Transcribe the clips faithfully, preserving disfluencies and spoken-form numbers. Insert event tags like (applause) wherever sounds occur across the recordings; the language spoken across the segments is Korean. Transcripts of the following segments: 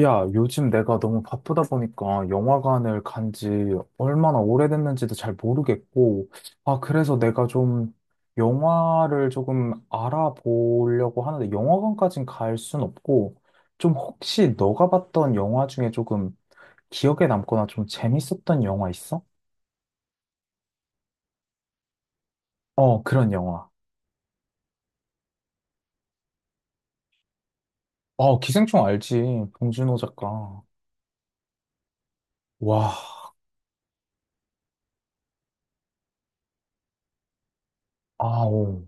야, 요즘 내가 너무 바쁘다 보니까 영화관을 간지 얼마나 오래됐는지도 잘 모르겠고, 아, 그래서 내가 좀 영화를 조금 알아보려고 하는데, 영화관까진 갈 순 없고, 좀 혹시 너가 봤던 영화 중에 조금 기억에 남거나 좀 재밌었던 영화 있어? 어, 그런 영화. 어, 기생충 알지? 봉준호 작가. 와, 아오.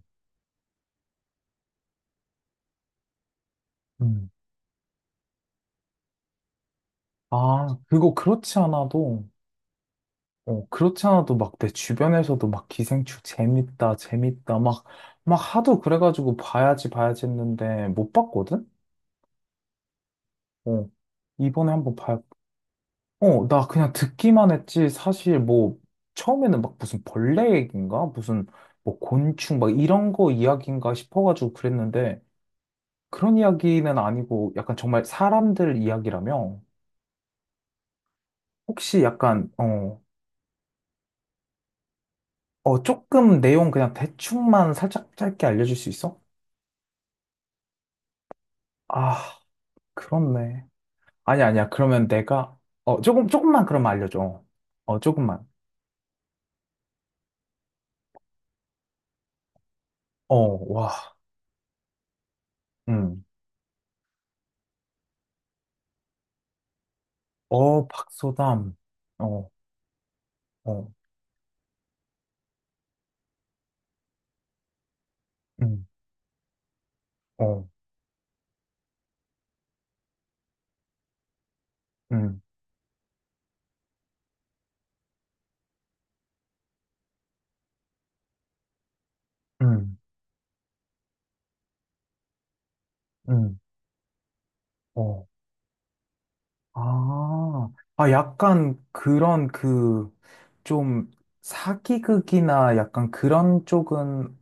음. 아, 그거 그렇지 않아도. 어, 그렇지 않아도 막 내 주변에서도 막 기생충 재밌다, 재밌다, 막, 막 하도 그래가지고 봐야지, 봐야지 했는데 못 봤거든? 어, 이번에 한번 봐야, 어, 나 그냥 듣기만 했지. 사실 뭐, 처음에는 막 무슨 벌레 얘기인가? 무슨 뭐 곤충 막 이런 거 이야기인가 싶어가지고 그랬는데 그런 이야기는 아니고 약간 정말 사람들 이야기라며? 혹시 약간, 어, 어, 조금 내용 그냥 대충만 살짝 짧게 알려줄 수 있어? 아. 그렇네. 아니, 아니야. 그러면 내가, 어, 조금, 조금만 그럼 알려줘. 어, 조금만. 어, 와, 음. 어, 박소담. 어, 어, 음, 어, 음, 음, 음, 어. 아, 아, 약간 그런 그, 좀, 사기극이나 약간 그런 쪽은,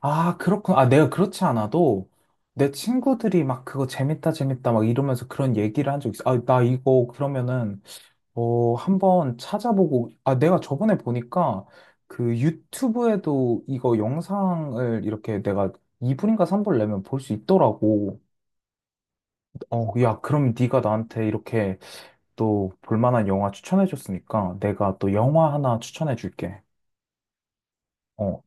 아, 그렇구나. 아, 내가 그렇지 않아도, 내 친구들이 막 그거 재밌다, 재밌다, 막 이러면서 그런 얘기를 한 적 있어. 아, 나 이거 그러면은, 어, 한번 찾아보고, 아, 내가 저번에 보니까 그 유튜브에도 이거 영상을 이렇게 내가 이 분인가 삼 분 내면 볼 수 있더라고. 어, 야, 그럼 네가 나한테 이렇게 또 볼만한 영화 추천해줬으니까 내가 또 영화 하나 추천해줄게. 어,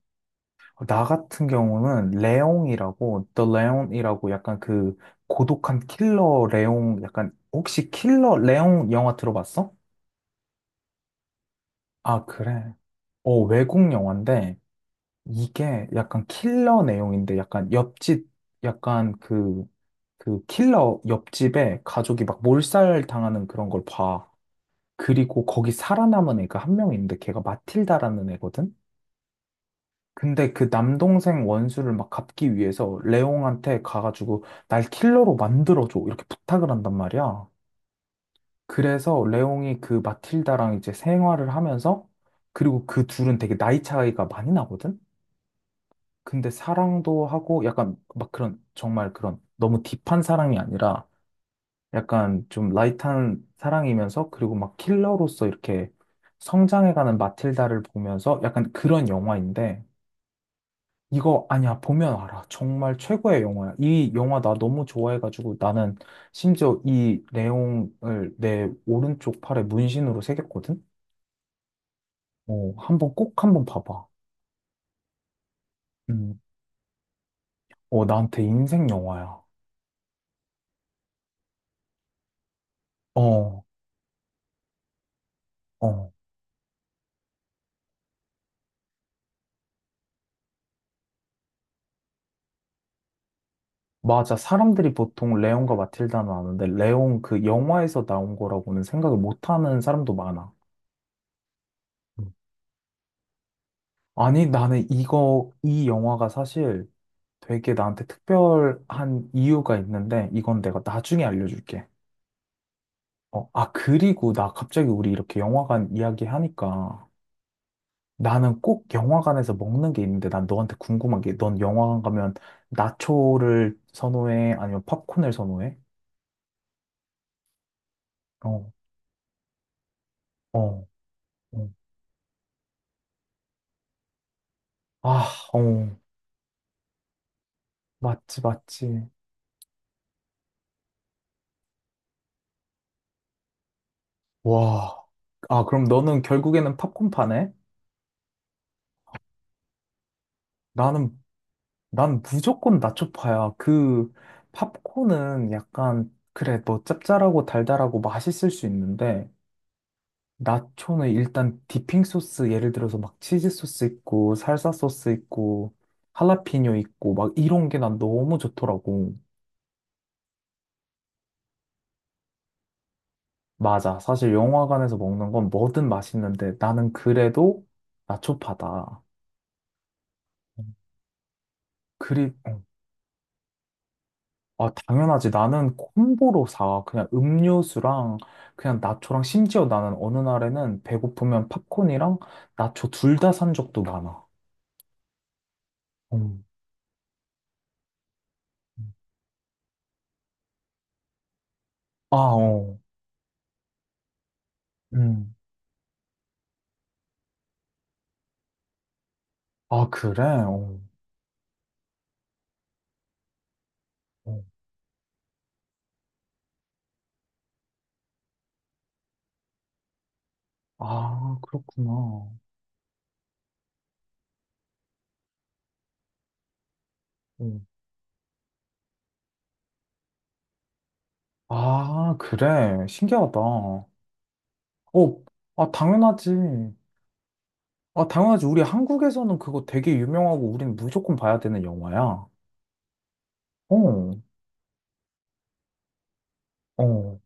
나 같은 경우는 레옹이라고, The Leon이라고 약간 그 고독한 킬러 레옹, 약간 혹시 킬러 레옹 영화 들어봤어? 아, 그래. 어, 외국 영화인데, 이게 약간 킬러 내용인데 약간 옆집 약간 그 그 킬러 옆집에 가족이 막 몰살 당하는 그런 걸 봐. 그리고 거기 살아남은 애가 한 명 있는데 걔가 마틸다라는 애거든. 근데 그 남동생 원수를 막 갚기 위해서 레옹한테 가가지고 날 킬러로 만들어줘 이렇게 부탁을 한단 말이야. 그래서 레옹이 그 마틸다랑 이제 생활을 하면서 그리고 그 둘은 되게 나이 차이가 많이 나거든. 근데 사랑도 하고 약간 막 그런 정말 그런 너무 딥한 사랑이 아니라 약간 좀 라이트한 사랑이면서 그리고 막 킬러로서 이렇게 성장해가는 마틸다를 보면서 약간 그런 영화인데 이거 아니야 보면 알아. 정말 최고의 영화야. 이 영화 나 너무 좋아해가지고 나는 심지어 이 레옹을 내 오른쪽 팔에 문신으로 새겼거든. 어, 한번 꼭 한번 봐봐. 음. 어, 나한테 인생 영화야. 어, 어. 맞아. 사람들이 보통 레온과 마틸다는 아는데 레온 그 영화에서 나온 거라고는 생각을 못 하는 사람도 많아. 음. 아니, 나는 이거, 이 영화가 사실 되게 나한테 특별한 이유가 있는데, 이건 내가 나중에 알려줄게. 어, 아, 그리고 나 갑자기 우리 이렇게 영화관 이야기 하니까 나는 꼭 영화관에서 먹는 게 있는데, 난 너한테 궁금한 게, 넌 영화관 가면 나초를 선호해? 아니면 popcorn을 선호해? 어, 어, 어. 아, 어. 맞지, 맞지. 와. 아, 그럼 너는 결국에는 팝콘파네? 나는, 난 무조건 나초파야. 그, 팝콘은 약간, 그래, 너 짭짤하고 달달하고 맛있을 수 있는데, 나초는 일단 디핑 소스, 예를 들어서 막 치즈 소스 있고, 살사 소스 있고, 할라피뇨 있고, 막 이런 게 난 너무 좋더라고. 맞아. 사실 영화관에서 먹는 건 뭐든 맛있는데, 나는 그래도 나초파다. 그리, 어. 아, 당연하지. 나는 콤보로 사. 그냥 음료수랑 그냥 나초랑 심지어 나는 어느 날에는 배고프면 팝콘이랑 나초 둘 다 산 적도 많아. 음. 아, 어. 음. 아, 그래? 어. 어. 아, 그렇구나. 어. 아, 그래. 신기하다. 어, 아, 당연하지. 아, 당연하지. 우리 한국에서는 그거 되게 유명하고 우린 무조건 봐야 되는 영화야. 어, 어,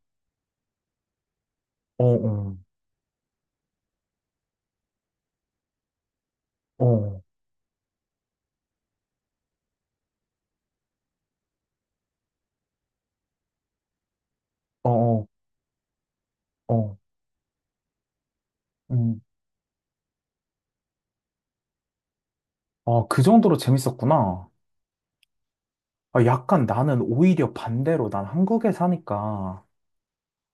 어, 어, 어, 어, 어. 어. 음. 아, 그 정도로 재밌었구나. 아, 약간 나는 오히려 반대로 난 한국에 사니까,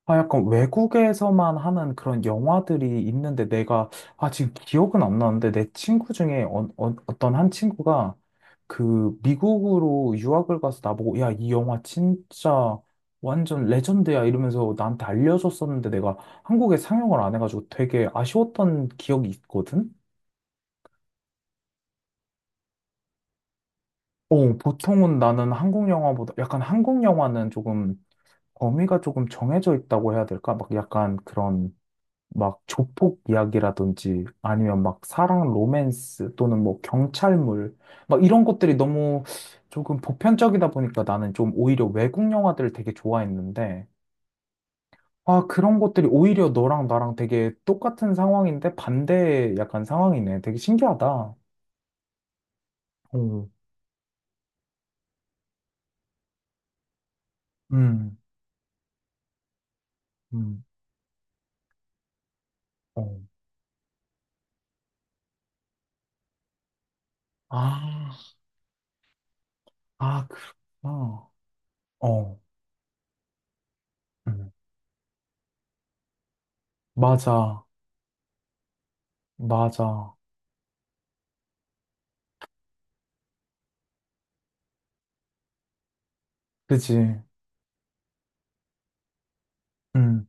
아, 약간 외국에서만 하는 그런 영화들이 있는데 내가, 아, 지금 기억은 안 나는데 내 친구 중에 어, 어, 어떤 한 친구가 그 미국으로 유학을 가서 나보고, 야, 이 영화 진짜 완전 레전드야 이러면서 나한테 알려줬었는데 내가 한국에 상영을 안 해가지고 되게 아쉬웠던 기억이 있거든? 어, 보통은 나는 한국 영화보다 약간 한국 영화는 조금 범위가 조금 정해져 있다고 해야 될까? 막 약간 그런 막 조폭 이야기라든지 아니면 막 사랑 로맨스 또는 뭐 경찰물 막 이런 것들이 너무 조금 보편적이다 보니까 나는 좀 오히려 외국 영화들을 되게 좋아했는데 아, 그런 것들이 오히려 너랑 나랑 되게 똑같은 상황인데 반대의 약간 상황이네. 되게 신기하다. 어, 음, 음, 어. 아. 아, 그렇구나. 어, 음. 맞아, 맞아. 그지, 음,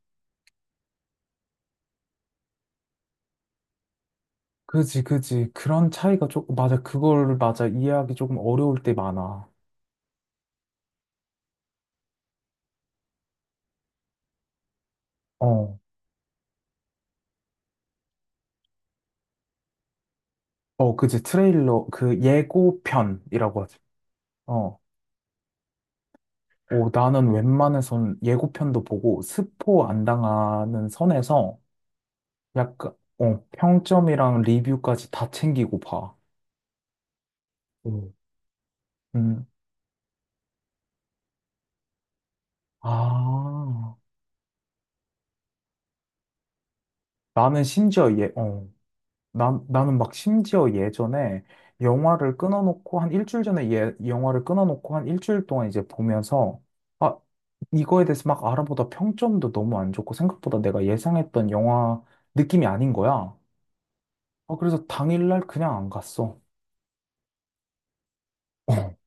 그지, 그지. 그런 차이가 조금, 맞아. 그걸, 맞아. 이해하기 조금 어려울 때 많아. 어, 어, 그지. 트레일러, 그 예고편이라고 하지. 어, 오, 나는 웬만해선 예고편도 보고 스포 안 당하는 선에서 약간, 어, 평점이랑 리뷰까지 다 챙기고 봐. 음. 음, 아, 나는 심지어 예, 어. 난, 나는 막 심지어 예전에 영화를 끊어놓고 한 일주일 전에 예, 영화를 끊어놓고 한 일주일 동안 이제 보면서 아, 이거에 대해서 막 알아보다 평점도 너무 안 좋고 생각보다 내가 예상했던 영화 느낌이 아닌 거야. 아, 그래서 당일날 그냥 안 갔어. (laughs)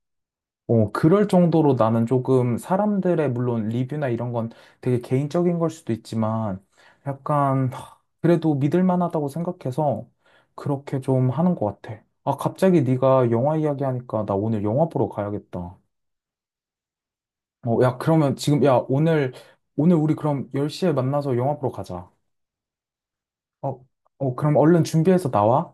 어, 그럴 정도로 나는 조금 사람들의 물론 리뷰나 이런 건 되게 개인적인 걸 수도 있지만 약간 하, 그래도 믿을 만하다고 생각해서 그렇게 좀 하는 것 같아. 아, 갑자기 네가 영화 이야기하니까 나 오늘 영화 보러 가야겠다. 어, 야, 그러면 지금 야, 오늘 오늘 우리 그럼 열 시에 만나서 영화 보러 가자. 어, 어, 그럼 얼른 준비해서 나와.